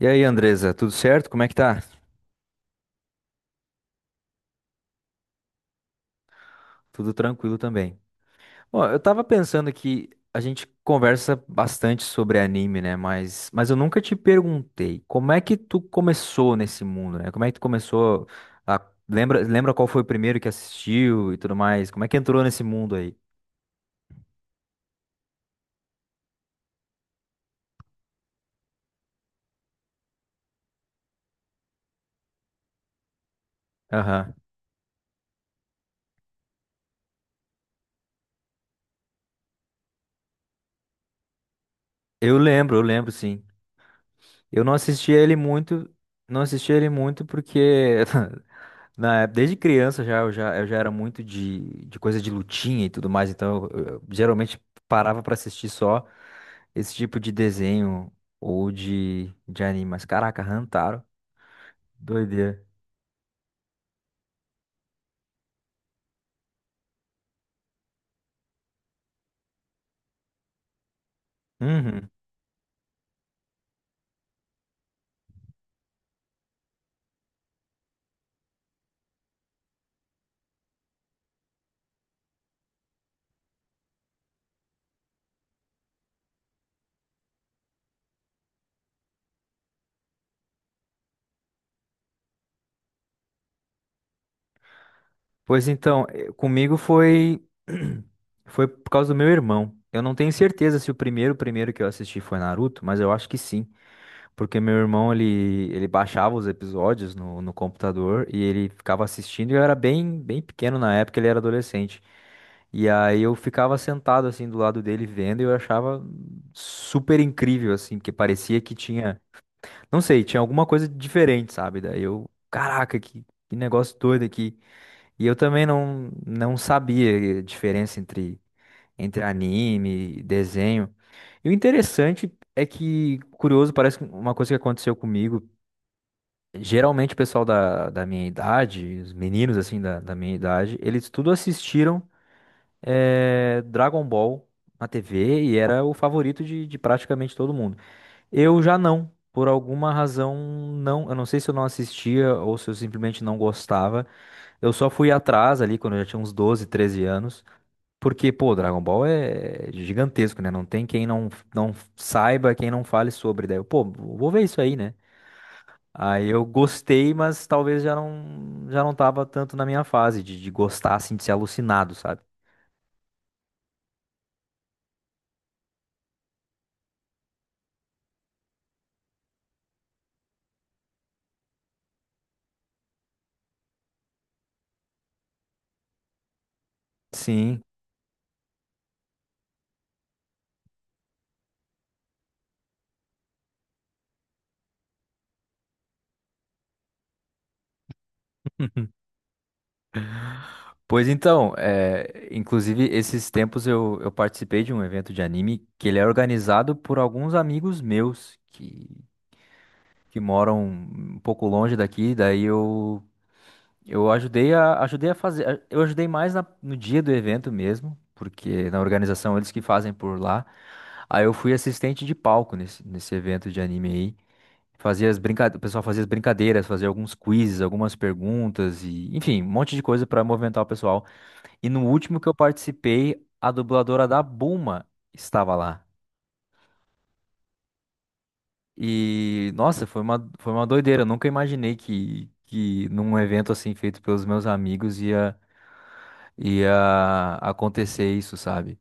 E aí, Andresa, tudo certo? Como é que tá? Tudo tranquilo também. Bom, eu tava pensando que a gente conversa bastante sobre anime, né? Mas eu nunca te perguntei como é que tu começou nesse mundo, né? Como é que tu começou a... Lembra qual foi o primeiro que assistiu e tudo mais? Como é que entrou nesse mundo aí? Aham. Eu lembro, sim. Eu não assistia ele muito, porque Na- é, desde criança já eu já, eu já era muito de coisa de lutinha e tudo mais, então eu geralmente parava pra assistir só esse tipo de desenho ou de anime. Mas caraca, Hantaro, doideira. Uhum. Pois então, comigo foi foi por causa do meu irmão. Eu não tenho certeza se o primeiro que eu assisti foi Naruto, mas eu acho que sim. Porque meu irmão, ele baixava os episódios no computador e ele ficava assistindo e eu era bem pequeno na época, ele era adolescente. E aí eu ficava sentado assim do lado dele vendo e eu achava super incrível assim, porque parecia que tinha, não sei, tinha alguma coisa diferente, sabe? Daí eu, caraca, que negócio doido aqui. E eu também não sabia a diferença entre entre anime, desenho. E o interessante é que, curioso, parece que uma coisa que aconteceu comigo. Geralmente o pessoal da minha idade, os meninos assim da minha idade, eles tudo assistiram Dragon Ball na TV e era o favorito de praticamente todo mundo. Eu já não, por alguma razão não. Eu não sei se eu não assistia ou se eu simplesmente não gostava. Eu só fui atrás ali quando eu já tinha uns 12 13 anos. Porque, pô, Dragon Ball é gigantesco, né? Não tem quem não, não saiba, quem não fale sobre. Daí eu, pô, vou ver isso aí, né? Aí eu gostei, mas talvez já não tava tanto na minha fase de gostar, assim, de ser alucinado, sabe? Sim. Pois então, é, inclusive, esses tempos eu participei de um evento de anime que ele é organizado por alguns amigos meus que moram um pouco longe daqui. Daí eu ajudei a, ajudei a fazer, eu ajudei mais na- no dia do evento mesmo, porque na organização eles que fazem por lá. Aí eu fui assistente de palco nesse evento de anime aí. Fazia as brincadeiras, o pessoal fazia as brincadeiras, fazia alguns quizzes, algumas perguntas e, enfim, um monte de coisa pra movimentar o pessoal. E no último que eu participei, a dubladora da Bulma estava lá. E, nossa, foi uma doideira. Eu nunca imaginei que num evento assim feito pelos meus amigos ia. Ia acontecer isso, sabe?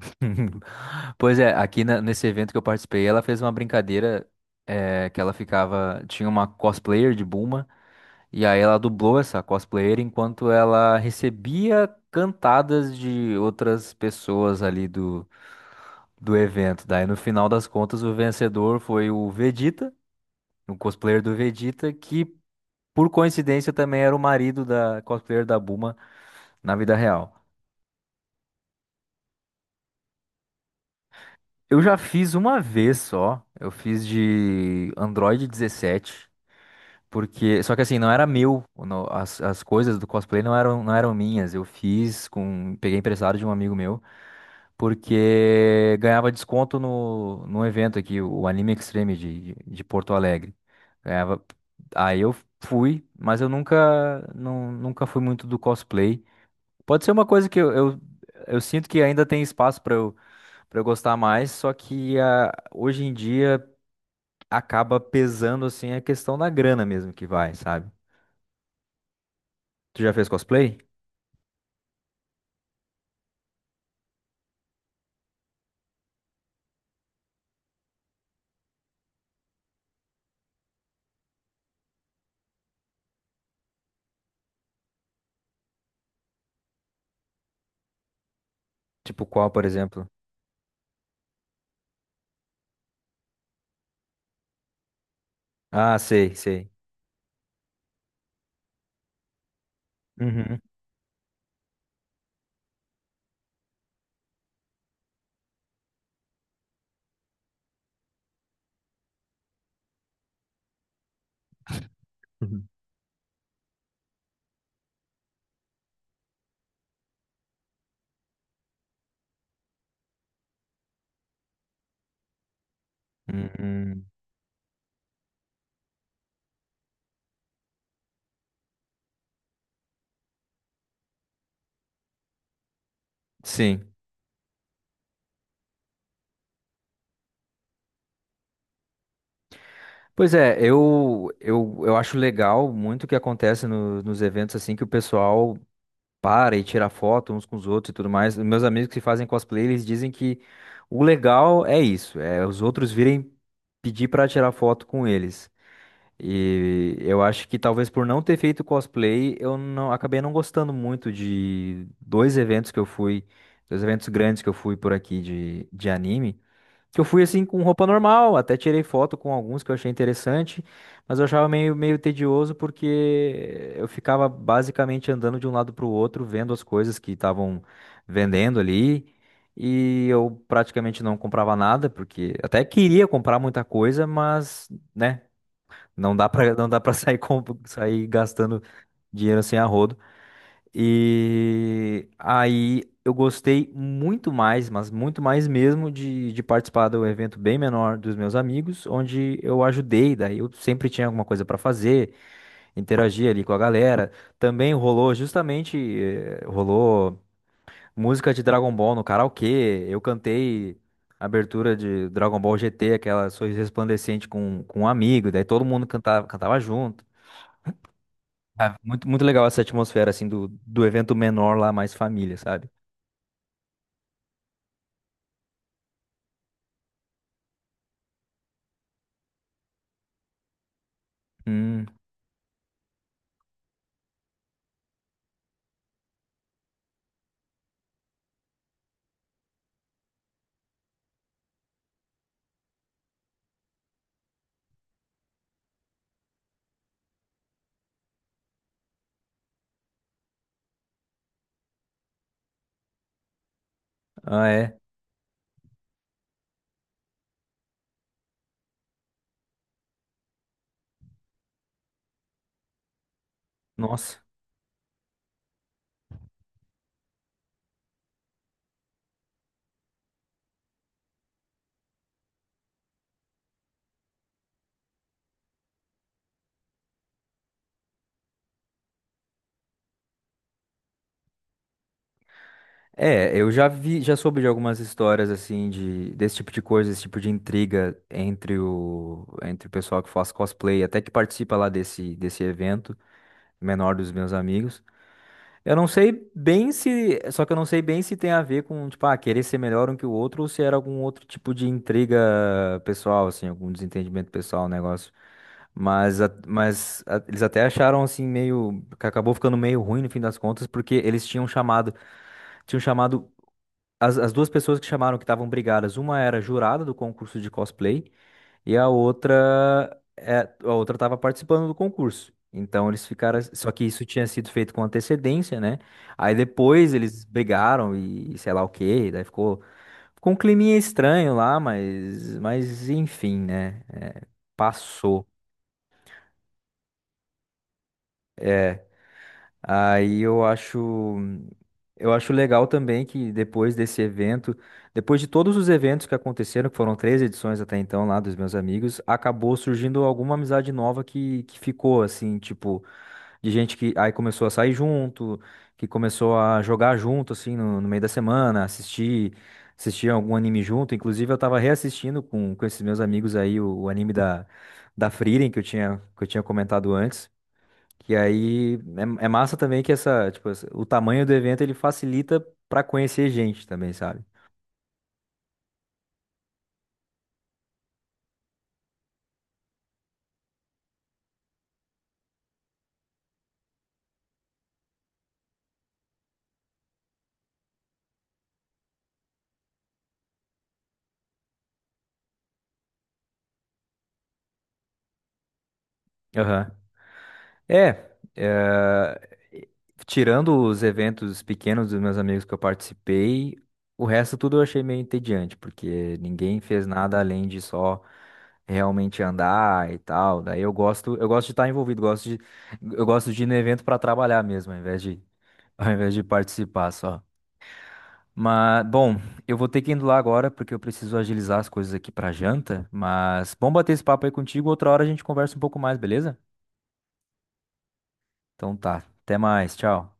Pois é, aqui na- nesse evento que eu participei, ela fez uma brincadeira que ela ficava. Tinha uma cosplayer de Bulma, e aí ela dublou essa cosplayer enquanto ela recebia cantadas de outras pessoas ali do, do evento. Daí no final das contas, o vencedor foi o Vegeta, o cosplayer do Vegeta, que por coincidência também era o marido da cosplayer da Bulma na vida real. Eu já fiz uma vez só. Eu fiz de Android 17, porque só que assim não era meu, não- as coisas do cosplay não eram minhas. Eu fiz com peguei emprestado de um amigo meu, porque ganhava desconto no evento aqui, o Anime Extreme de Porto Alegre. Ganhava. Aí eu fui, mas eu nunca não, nunca fui muito do cosplay. Pode ser uma coisa que eu sinto que ainda tem espaço para pra eu gostar mais, só que ah, hoje em dia acaba pesando assim a questão da grana mesmo que vai, sabe? Tu já fez cosplay? Tipo qual, por exemplo? Ah, sei, sei. Uhum. Uhum. Uhum. Sim. Pois é, eu acho legal muito o que acontece no- nos eventos assim que o pessoal para e tira foto uns com os outros e tudo mais. Os meus amigos que fazem cosplay, eles dizem que o legal é isso, é os outros virem pedir pra tirar foto com eles. E eu acho que talvez por não ter feito cosplay, eu não acabei não gostando muito de dois eventos que eu fui, dois eventos grandes que eu fui por aqui de anime, que eu fui assim com roupa normal, até tirei foto com alguns que eu achei interessante, mas eu achava meio, meio tedioso porque eu ficava basicamente andando de um lado para o outro, vendo as coisas que estavam vendendo ali. E eu praticamente não comprava nada, porque até queria comprar muita coisa, mas né? Não dá para sair, com- sair gastando dinheiro sem arrodo. E aí eu gostei muito mais, mas muito mais mesmo de participar do evento bem menor dos meus amigos, onde eu ajudei, daí eu sempre tinha alguma coisa pra fazer, interagir ali com a galera. Também rolou justamente, rolou música de Dragon Ball no karaokê. Eu cantei a abertura de Dragon Ball GT, aquela Sorriso Resplandecente com um amigo, daí todo mundo cantava, cantava junto. Ah, muito, muito legal essa atmosfera, assim, do, do evento menor lá, mais família, sabe? Hum, ah, é. Nossa. É, eu já vi, já soube de algumas histórias, assim, de, desse tipo de coisa, esse tipo de intriga entre o, entre o pessoal que faz cosplay, até que participa lá desse, desse evento menor dos meus amigos. Eu não sei bem se. Só que eu não sei bem se tem a ver com, tipo, ah, querer ser melhor um que o outro ou se era algum outro tipo de intriga pessoal, assim, algum desentendimento pessoal, um negócio. Mas a- eles até acharam, assim, meio. Que acabou ficando meio ruim no fim das contas, porque eles tinham chamado. Tinham chamado. As duas pessoas que chamaram que estavam brigadas, uma era jurada do concurso de cosplay e a outra, é, a outra estava participando do concurso. Então eles ficaram, só que isso tinha sido feito com antecedência, né? Aí depois eles brigaram e sei lá o quê, daí ficou, ficou um climinha estranho lá, mas enfim, né? É, passou. Aí eu acho legal também que depois desse evento, depois de todos os eventos que aconteceram, que foram 3 edições até então lá dos meus amigos, acabou surgindo alguma amizade nova que ficou assim, tipo, de gente que aí começou a sair junto, que começou a jogar junto assim no, no meio da semana, assistir, assistir algum anime junto. Inclusive eu tava reassistindo com esses meus amigos aí o anime da da Frieren que eu tinha comentado antes. Que aí é, é massa também que essa, tipo, essa- o tamanho do evento ele facilita pra conhecer gente também, sabe? Aham. É, é, tirando os eventos pequenos dos meus amigos que eu participei, o resto tudo eu achei meio entediante, porque ninguém fez nada além de só realmente andar e tal. Daí eu gosto de estar envolvido, gosto de, eu gosto de ir no evento para trabalhar mesmo, ao invés de participar só. Mas, bom, eu vou ter que ir indo lá agora porque eu preciso agilizar as coisas aqui pra janta. Mas bom bater esse papo aí contigo. Outra hora a gente conversa um pouco mais, beleza? Então tá. Até mais. Tchau.